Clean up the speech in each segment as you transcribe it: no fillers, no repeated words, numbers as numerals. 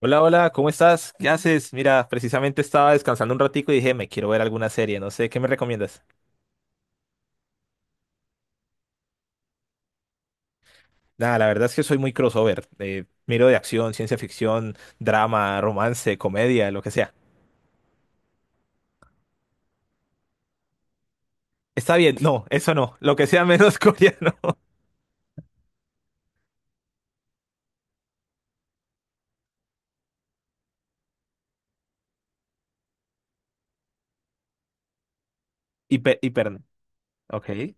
Hola, hola, ¿cómo estás? ¿Qué haces? Mira, precisamente estaba descansando un ratico y dije, me quiero ver alguna serie, no sé, ¿qué me recomiendas? Nada, la verdad es que soy muy crossover. Miro de acción, ciencia ficción, drama, romance, comedia, lo que sea. Está bien, no, eso no, lo que sea menos coreano. Hiper, hiper. Ok.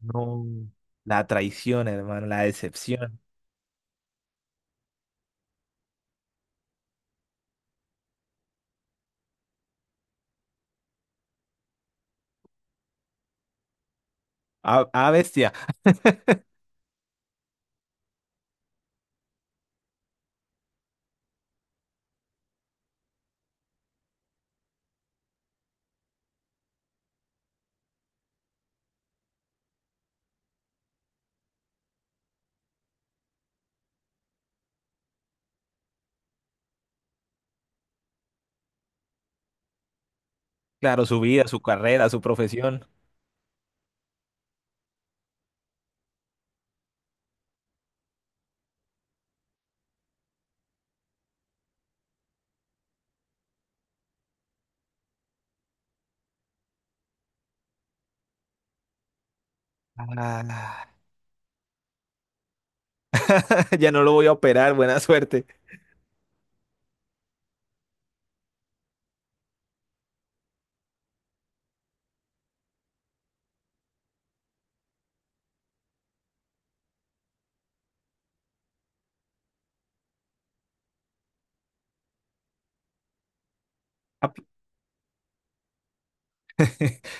No. La traición, hermano, la decepción. Ah, ah, bestia. Claro, su vida, su carrera, su profesión. Ah, ya no lo voy a operar, buena suerte.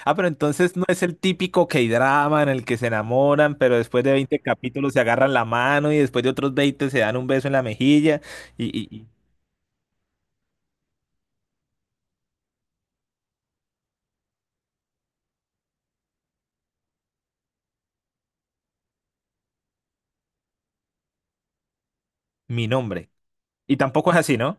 Ah, pero entonces no es el típico K-drama en el que se enamoran, pero después de 20 capítulos se agarran la mano y después de otros 20 se dan un beso en la mejilla y, y- y- mi nombre. Y tampoco es así, ¿no?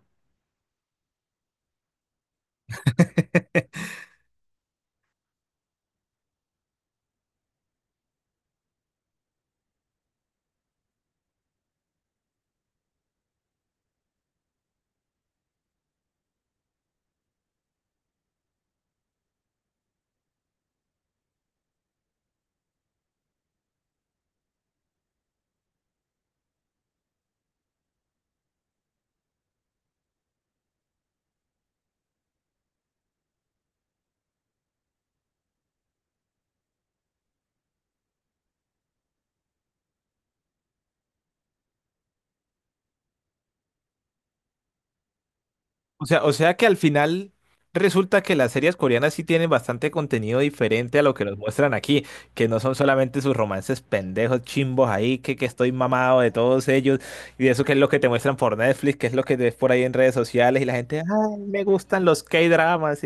O sea que al final resulta que las series coreanas sí tienen bastante contenido diferente a lo que nos muestran aquí, que no son solamente sus romances pendejos, chimbos ahí, que estoy mamado de todos ellos y de eso que es lo que te muestran por Netflix, que es lo que ves por ahí en redes sociales y la gente, ay, me gustan los K-dramas.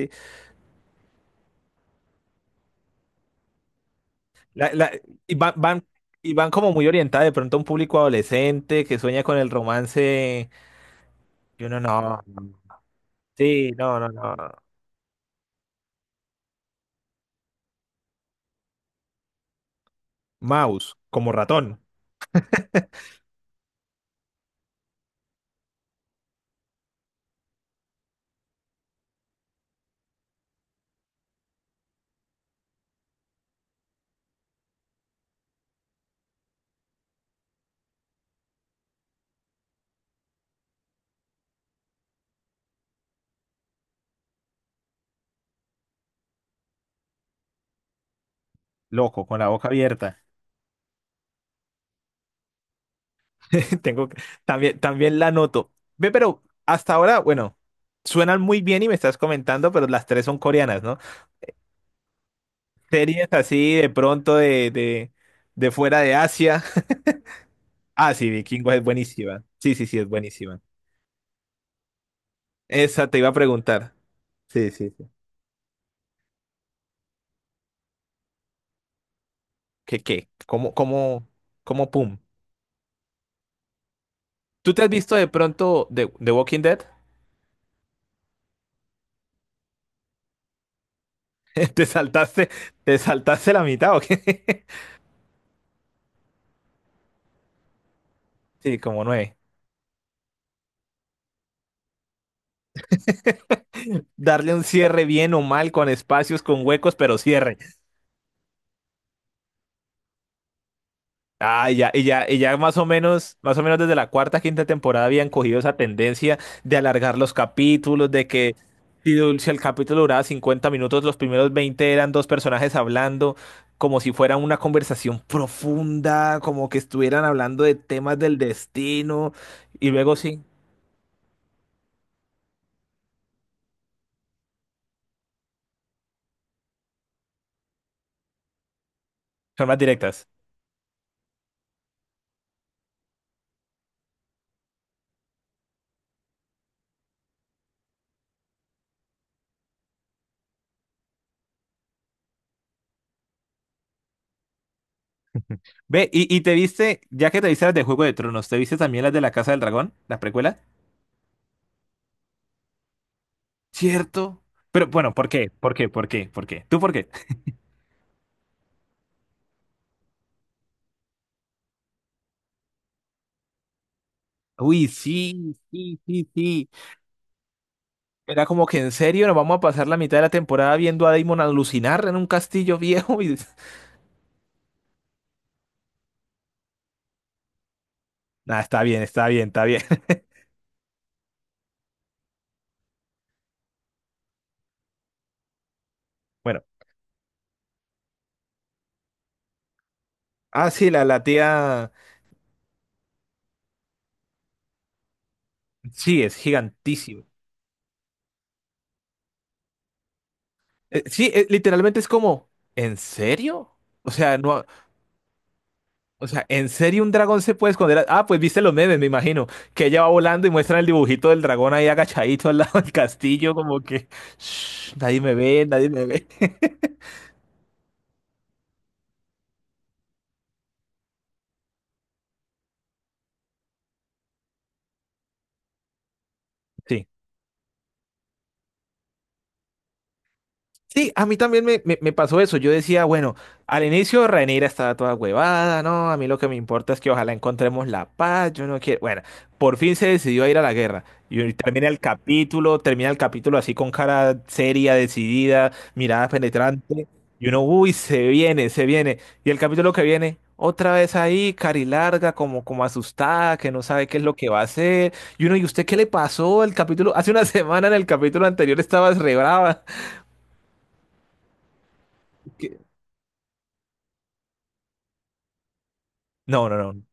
La- la- y van, van- y van como muy orientadas de pronto a un público adolescente que sueña con el romance. Yo no, no. Sí, no, no, no. Mouse, como ratón, loco, con la boca abierta. Tengo que- también, también la noto. Ve, pero hasta ahora, bueno, suenan muy bien y me estás comentando, pero las tres son coreanas, ¿no? Series así de pronto de fuera de Asia. Ah, sí, Vikingos es buenísima. Sí, sí, sí, es buenísima. Esa te iba a preguntar. Sí, sí, sí. ¿Qué, qué? ¿Cómo, pum? ¿Tú te has visto de pronto de The Walking Dead? ¿Te saltaste, ¿te saltaste la mitad o qué? Sí, como nueve. Darle un cierre bien o mal, con espacios, con huecos, pero cierre. Y ya más o menos, desde la cuarta, quinta temporada habían cogido esa tendencia de alargar los capítulos, de que si el capítulo duraba 50 minutos, los primeros 20 eran dos personajes hablando, como si fuera una conversación profunda, como que estuvieran hablando de temas del destino, y luego sí, son más directas. Ve, y te viste, ya que te viste las de Juego de Tronos, ¿te viste también las de la Casa del Dragón, la precuela? Cierto. Pero bueno, ¿por qué? ¿Por qué? ¿Por qué? ¿Por qué? ¿Tú por qué? Uy, sí, sí, sí, sí. Era como que en serio nos vamos a pasar la mitad de la temporada viendo a Damon alucinar en un castillo viejo y… Nada, está bien, está bien, está bien. Bueno, ah, sí, la tía… Sí, es gigantísimo. Sí, literalmente es como, ¿en serio? O sea, no, o sea, ¿en serio un dragón se puede esconder? Ah, pues viste los memes, me imagino, que ella va volando y muestran el dibujito del dragón ahí agachadito al lado del castillo, como que, "Shh, nadie me ve, nadie me ve". Sí. Sí, a mí también me pasó eso. Yo decía, bueno, al inicio Rhaenyra estaba toda huevada, ¿no? A mí lo que me importa es que ojalá encontremos la paz, yo no quiero… Bueno, por fin se decidió a ir a la guerra. Y hoy termina el capítulo así con cara seria, decidida, mirada penetrante. Y uno, uy, se viene, se viene. Y el capítulo que viene, otra vez ahí, carilarga, como, como asustada, que no sabe qué es lo que va a hacer. Y uno, ¿y usted qué le pasó? El capítulo, hace una semana en el capítulo anterior estabas re brava. No, no, no.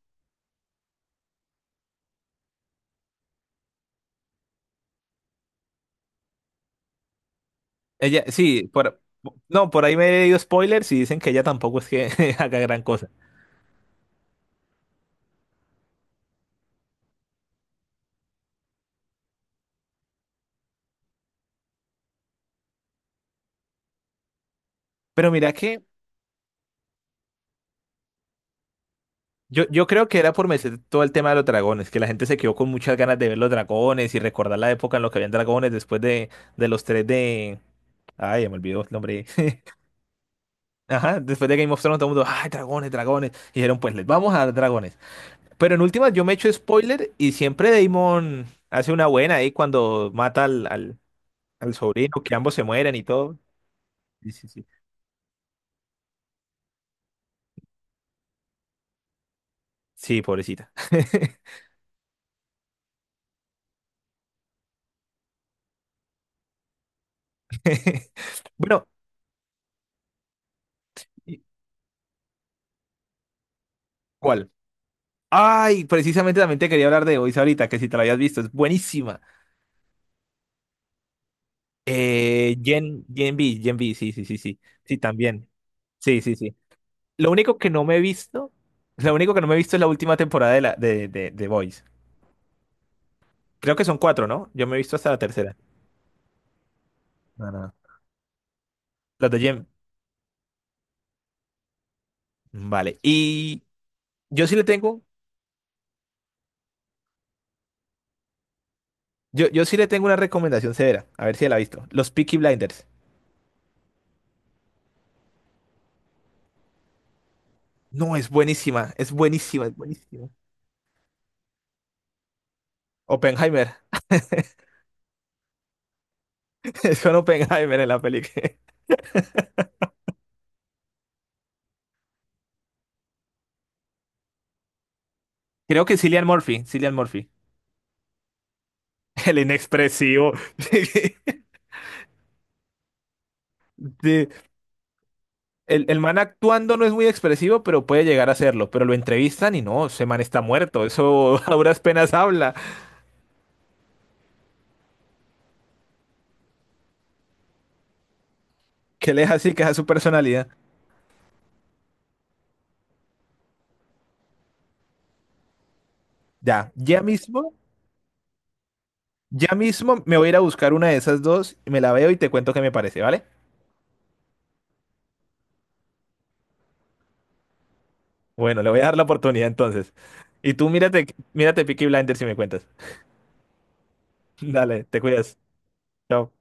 Ella, sí, por, no, por ahí me he leído spoilers y dicen que ella tampoco es que haga gran cosa. Pero mira que yo creo que era por meter todo el tema de los dragones, que la gente se quedó con muchas ganas de ver los dragones y recordar la época en la que habían dragones después de los tres de… Ay, ya me olvidó el nombre. Ajá, después de Game of Thrones todo el mundo, ay, dragones, dragones. Y dijeron, pues les vamos a dar dragones. Pero en últimas yo me echo spoiler y siempre Damon hace una buena ahí cuando mata al, al, al sobrino, que ambos se mueren y todo. Sí, sí, sí. Sí, pobrecita. Bueno, ¿y ¿cuál? Ay, precisamente también te quería hablar de Voice ahorita, que si te la habías visto, es buenísima. Gen B, Gen B, sí, sí, sí, sí. Sí, también. Sí, sí, sí. Lo único que no me he visto, lo único que no me he visto es la última temporada de Voice. Creo que son cuatro, ¿no? Yo me he visto hasta la tercera. No, no. Las de Gen. Mm, vale. Y yo sí le tengo, yo sí le tengo una recomendación severa. A ver si la ha visto. Los Peaky Blinders. No, es buenísima, es buenísima, es buenísima. Oppenheimer. Es con Oppenheimer en la película. Creo que Cillian Murphy. Cillian Murphy. El inexpresivo. De- el man actuando no es muy expresivo, pero puede llegar a serlo. Pero lo entrevistan y no, ese man está muerto. Eso a duras penas habla. Que le es así, que esa es a su personalidad. Ya, ya mismo me voy a ir a buscar una de esas dos, me la veo y te cuento qué me parece, ¿vale? Bueno, le voy a dar la oportunidad entonces. Y tú mírate, mírate Peaky Blinders si me cuentas. Dale, te cuidas. Chao.